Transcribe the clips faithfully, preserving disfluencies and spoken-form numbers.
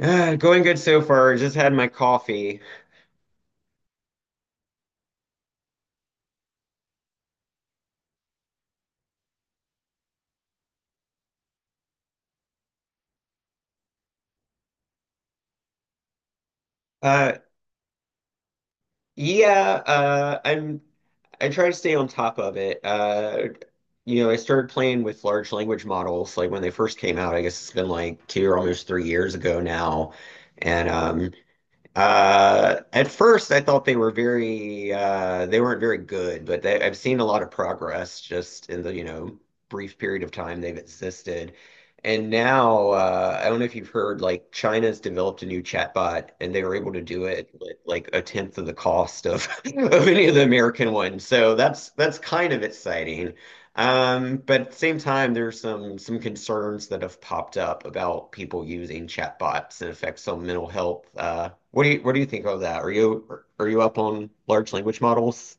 Uh, going good so far. Just had my coffee. Uh, yeah, uh, I'm I try to stay on top of it. Uh, you know, I started playing with large language models like when they first came out. I guess it's been like two or almost three years ago now. And um, Uh, at first, I thought they were very uh, they weren't very good, but they, I've seen a lot of progress just in the, you know, brief period of time they've existed. And now, uh, I don't know if you've heard, like China's developed a new chatbot, and they were able to do it with like a tenth of the cost of of any of the American ones. So that's that's kind of exciting. Um, but at the same time, there's some some concerns that have popped up about people using chatbots and effects on mental health. Uh, what do you what do you think of that? Are you are are you up on large language models?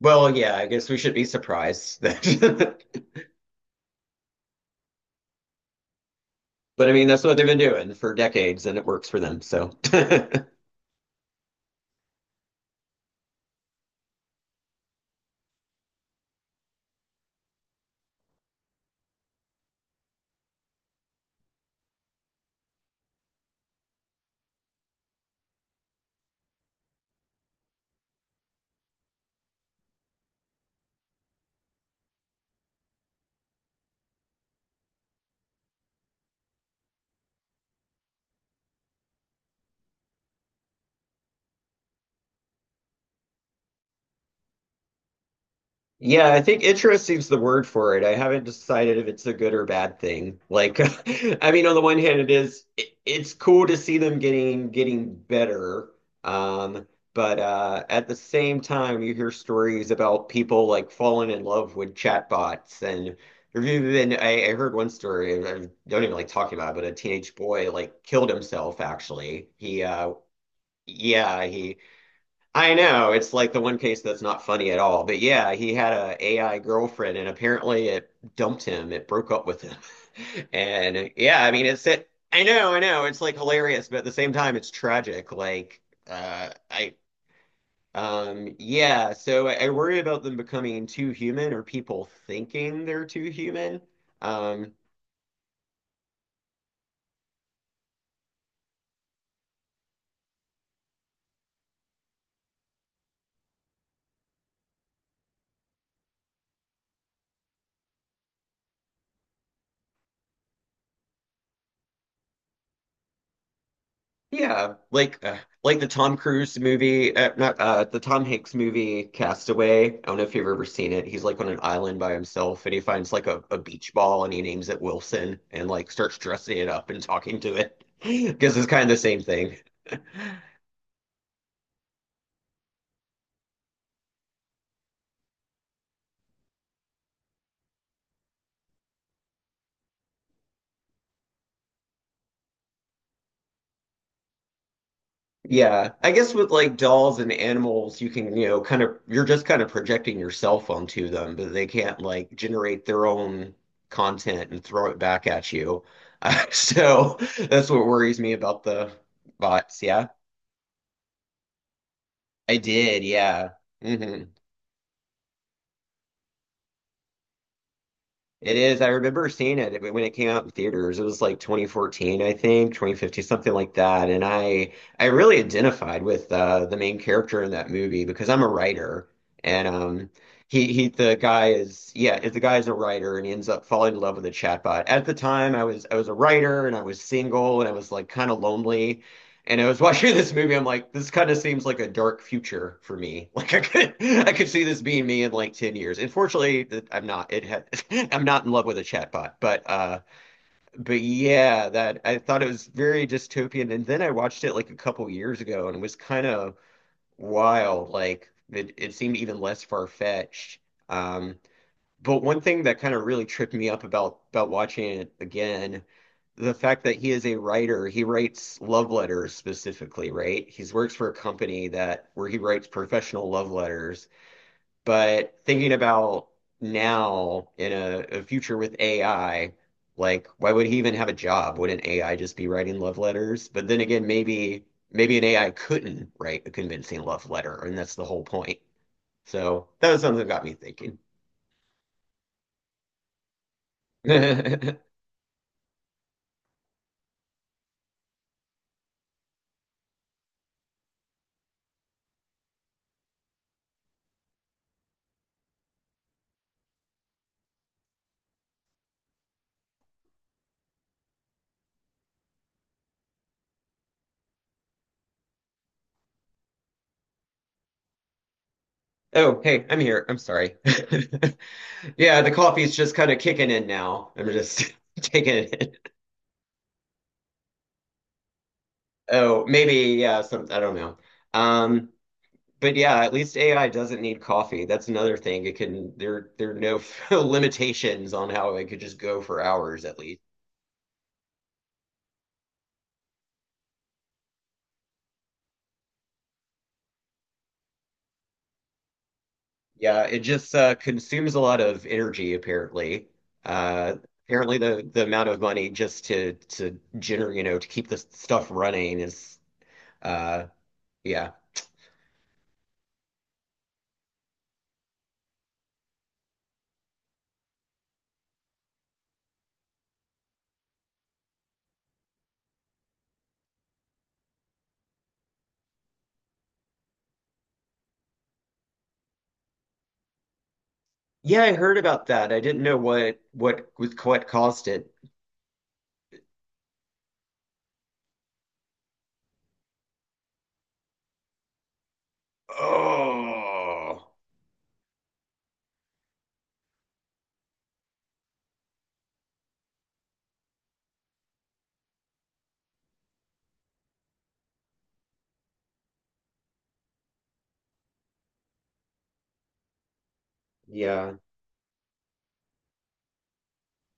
Well, yeah, I guess we should be surprised that, but I mean that's what they've been doing for decades, and it works for them. So Yeah, I think interesting's the word for it. I haven't decided if it's a good or bad thing. Like, I mean, on the one hand, it is it, it's cool to see them getting getting better. Um, but uh, At the same time, you hear stories about people like falling in love with chatbots. And there's even I, I heard one story. I don't even like talking about it, but a teenage boy like killed himself. Actually, he uh, yeah, he I know it's like the one case that's not funny at all. But yeah, he had a AI girlfriend, and apparently it dumped him. It broke up with him. And yeah, I mean it's it. I know, I know. It's like hilarious, but at the same time, it's tragic. Like uh, I um yeah. So I, I worry about them becoming too human or people thinking they're too human. Um, Yeah, like uh, like the Tom Cruise movie, uh, not uh, the Tom Hanks movie, Castaway. I don't know if you've ever seen it. He's like on an island by himself, and he finds like a, a beach ball, and he names it Wilson, and like starts dressing it up and talking to it, because it's kind of the same thing. Yeah, I guess with like dolls and animals, you can, you know, kind of, you're just kind of projecting yourself onto them, but they can't like generate their own content and throw it back at you. So that's what worries me about the bots. Yeah, I did. Yeah. Hmm. It is. I remember seeing it when it came out in theaters. It was like twenty fourteen, I think, twenty fifteen, something like that. And I I really identified with uh, the main character in that movie because I'm a writer, and um, he he the guy is yeah the guy is a writer and he ends up falling in love with a chatbot. At the time, I was I was a writer and I was single and I was like kind of lonely, and I was watching this movie, I'm like, this kind of seems like a dark future for me. Like I could, I could see this being me in like ten years. Unfortunately, I'm not. It had, I'm not in love with a chatbot, but uh, but yeah, that I thought it was very dystopian. And then I watched it like a couple years ago, and it was kind of wild. Like it, it seemed even less far-fetched. Um, but one thing that kind of really tripped me up about about watching it again, the fact that he is a writer, he writes love letters specifically, right? He works for a company that where he writes professional love letters. But thinking about now in a, a future with A I, like why would he even have a job? Wouldn't A I just be writing love letters? But then again, maybe maybe an A I couldn't write a convincing love letter, and that's the whole point. So that was something that got me thinking. Oh, hey, I'm here. I'm sorry. Yeah, the coffee's just kind of kicking in now. I'm just taking it in. Oh, maybe, yeah, some, I don't know. Um, but yeah, at least A I doesn't need coffee. That's another thing. It can, there, there are no limitations on how it could just go for hours at least. Yeah, it just uh, consumes a lot of energy apparently. Uh, Apparently the, the amount of money just to, to generate, you know, to keep this stuff running is, uh, yeah. Yeah, I heard about that. I didn't know what what was what caused it. Oh, yeah.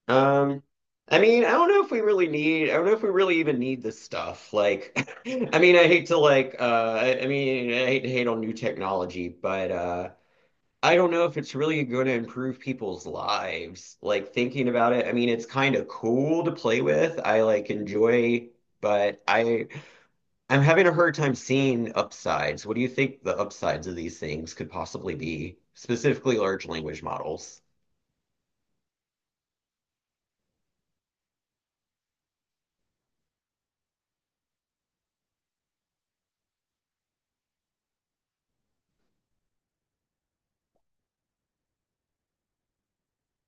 Um, I mean, I don't know if we really need. I don't know if we really even need this stuff. Like, I mean, I hate to like. Uh, I, I mean, I hate to hate on new technology, but uh, I don't know if it's really going to improve people's lives. Like thinking about it, I mean, it's kind of cool to play with. I like enjoy, but I I'm having a hard time seeing upsides. What do you think the upsides of these things could possibly be, specifically large language models?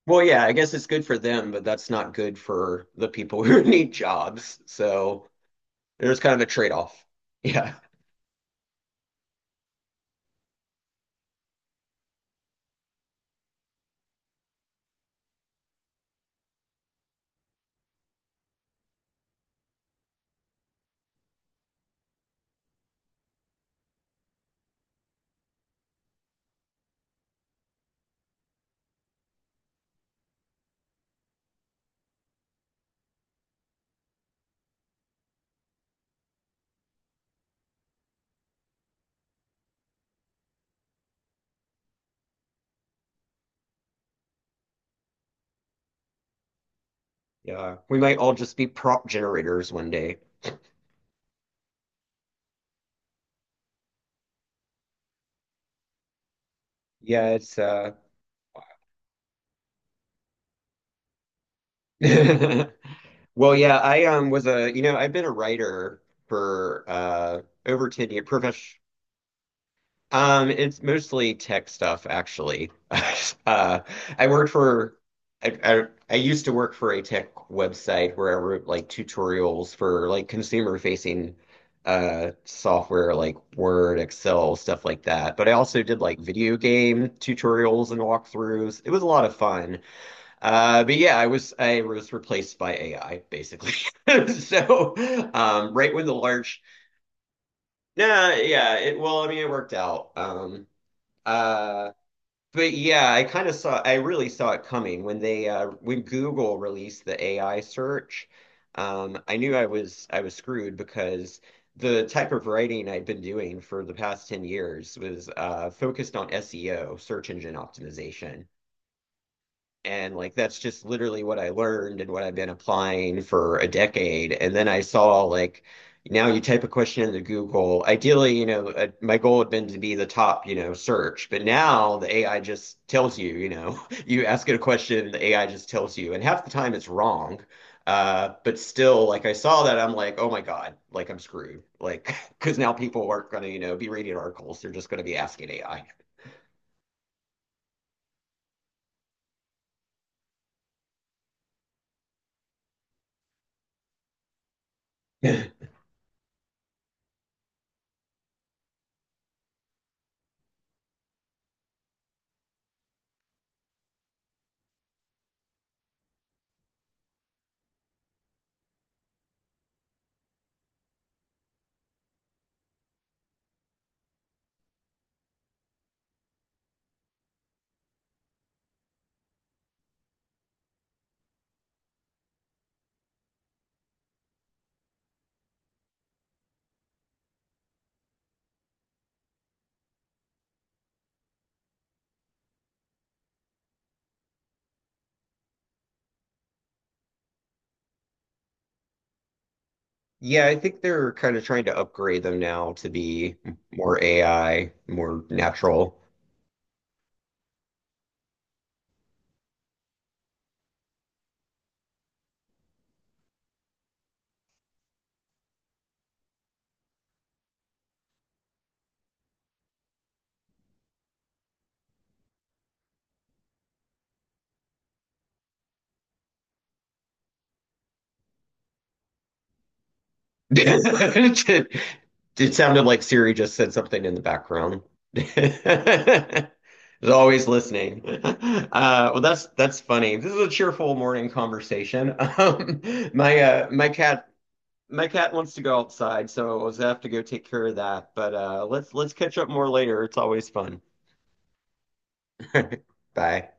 Well, yeah, I guess it's good for them, but that's not good for the people who need jobs. So there's kind of a trade-off. Yeah. Yeah. We might all just be prop generators one day. Yeah, it's uh Well, yeah, I um was a, you know, I've been a writer for uh over ten years, professional Um, it's mostly tech stuff, actually. Uh, I worked for, I, I, I used to work for a tech website where I wrote like tutorials for like consumer facing uh software like Word, Excel, stuff like that. But I also did like video game tutorials and walkthroughs. It was a lot of fun. Uh, but yeah, I was I was replaced by A I basically. So, um, right when the large, nah, yeah, it well, I mean, it worked out. Um, uh, but yeah, I kind of saw, I really saw it coming when they, uh, when Google released the A I search. Um, I knew I was, I was screwed because the type of writing I'd been doing for the past ten years was, uh, focused on S E O, search engine optimization. And like that's just literally what I learned and what I've been applying for a decade. And then I saw like now you type a question into Google. Ideally, you know, uh, my goal had been to be the top, you know, search, but now the A I just tells you, you know, you ask it a question, the A I just tells you, and half the time it's wrong. Uh, but still, like I saw that, I'm like, oh my God, like I'm screwed. Like, because now people aren't going to, you know, be reading articles. They're just going to be asking A I. Yeah, I think they're kind of trying to upgrade them now to be more A I, more natural. It sounded like Siri just said something in the background. It's always listening. Uh, well, that's that's funny. This is a cheerful morning conversation. Um, my uh, my cat my cat wants to go outside, so I was gonna have to go take care of that. But uh, let's let's catch up more later. It's always fun. Bye.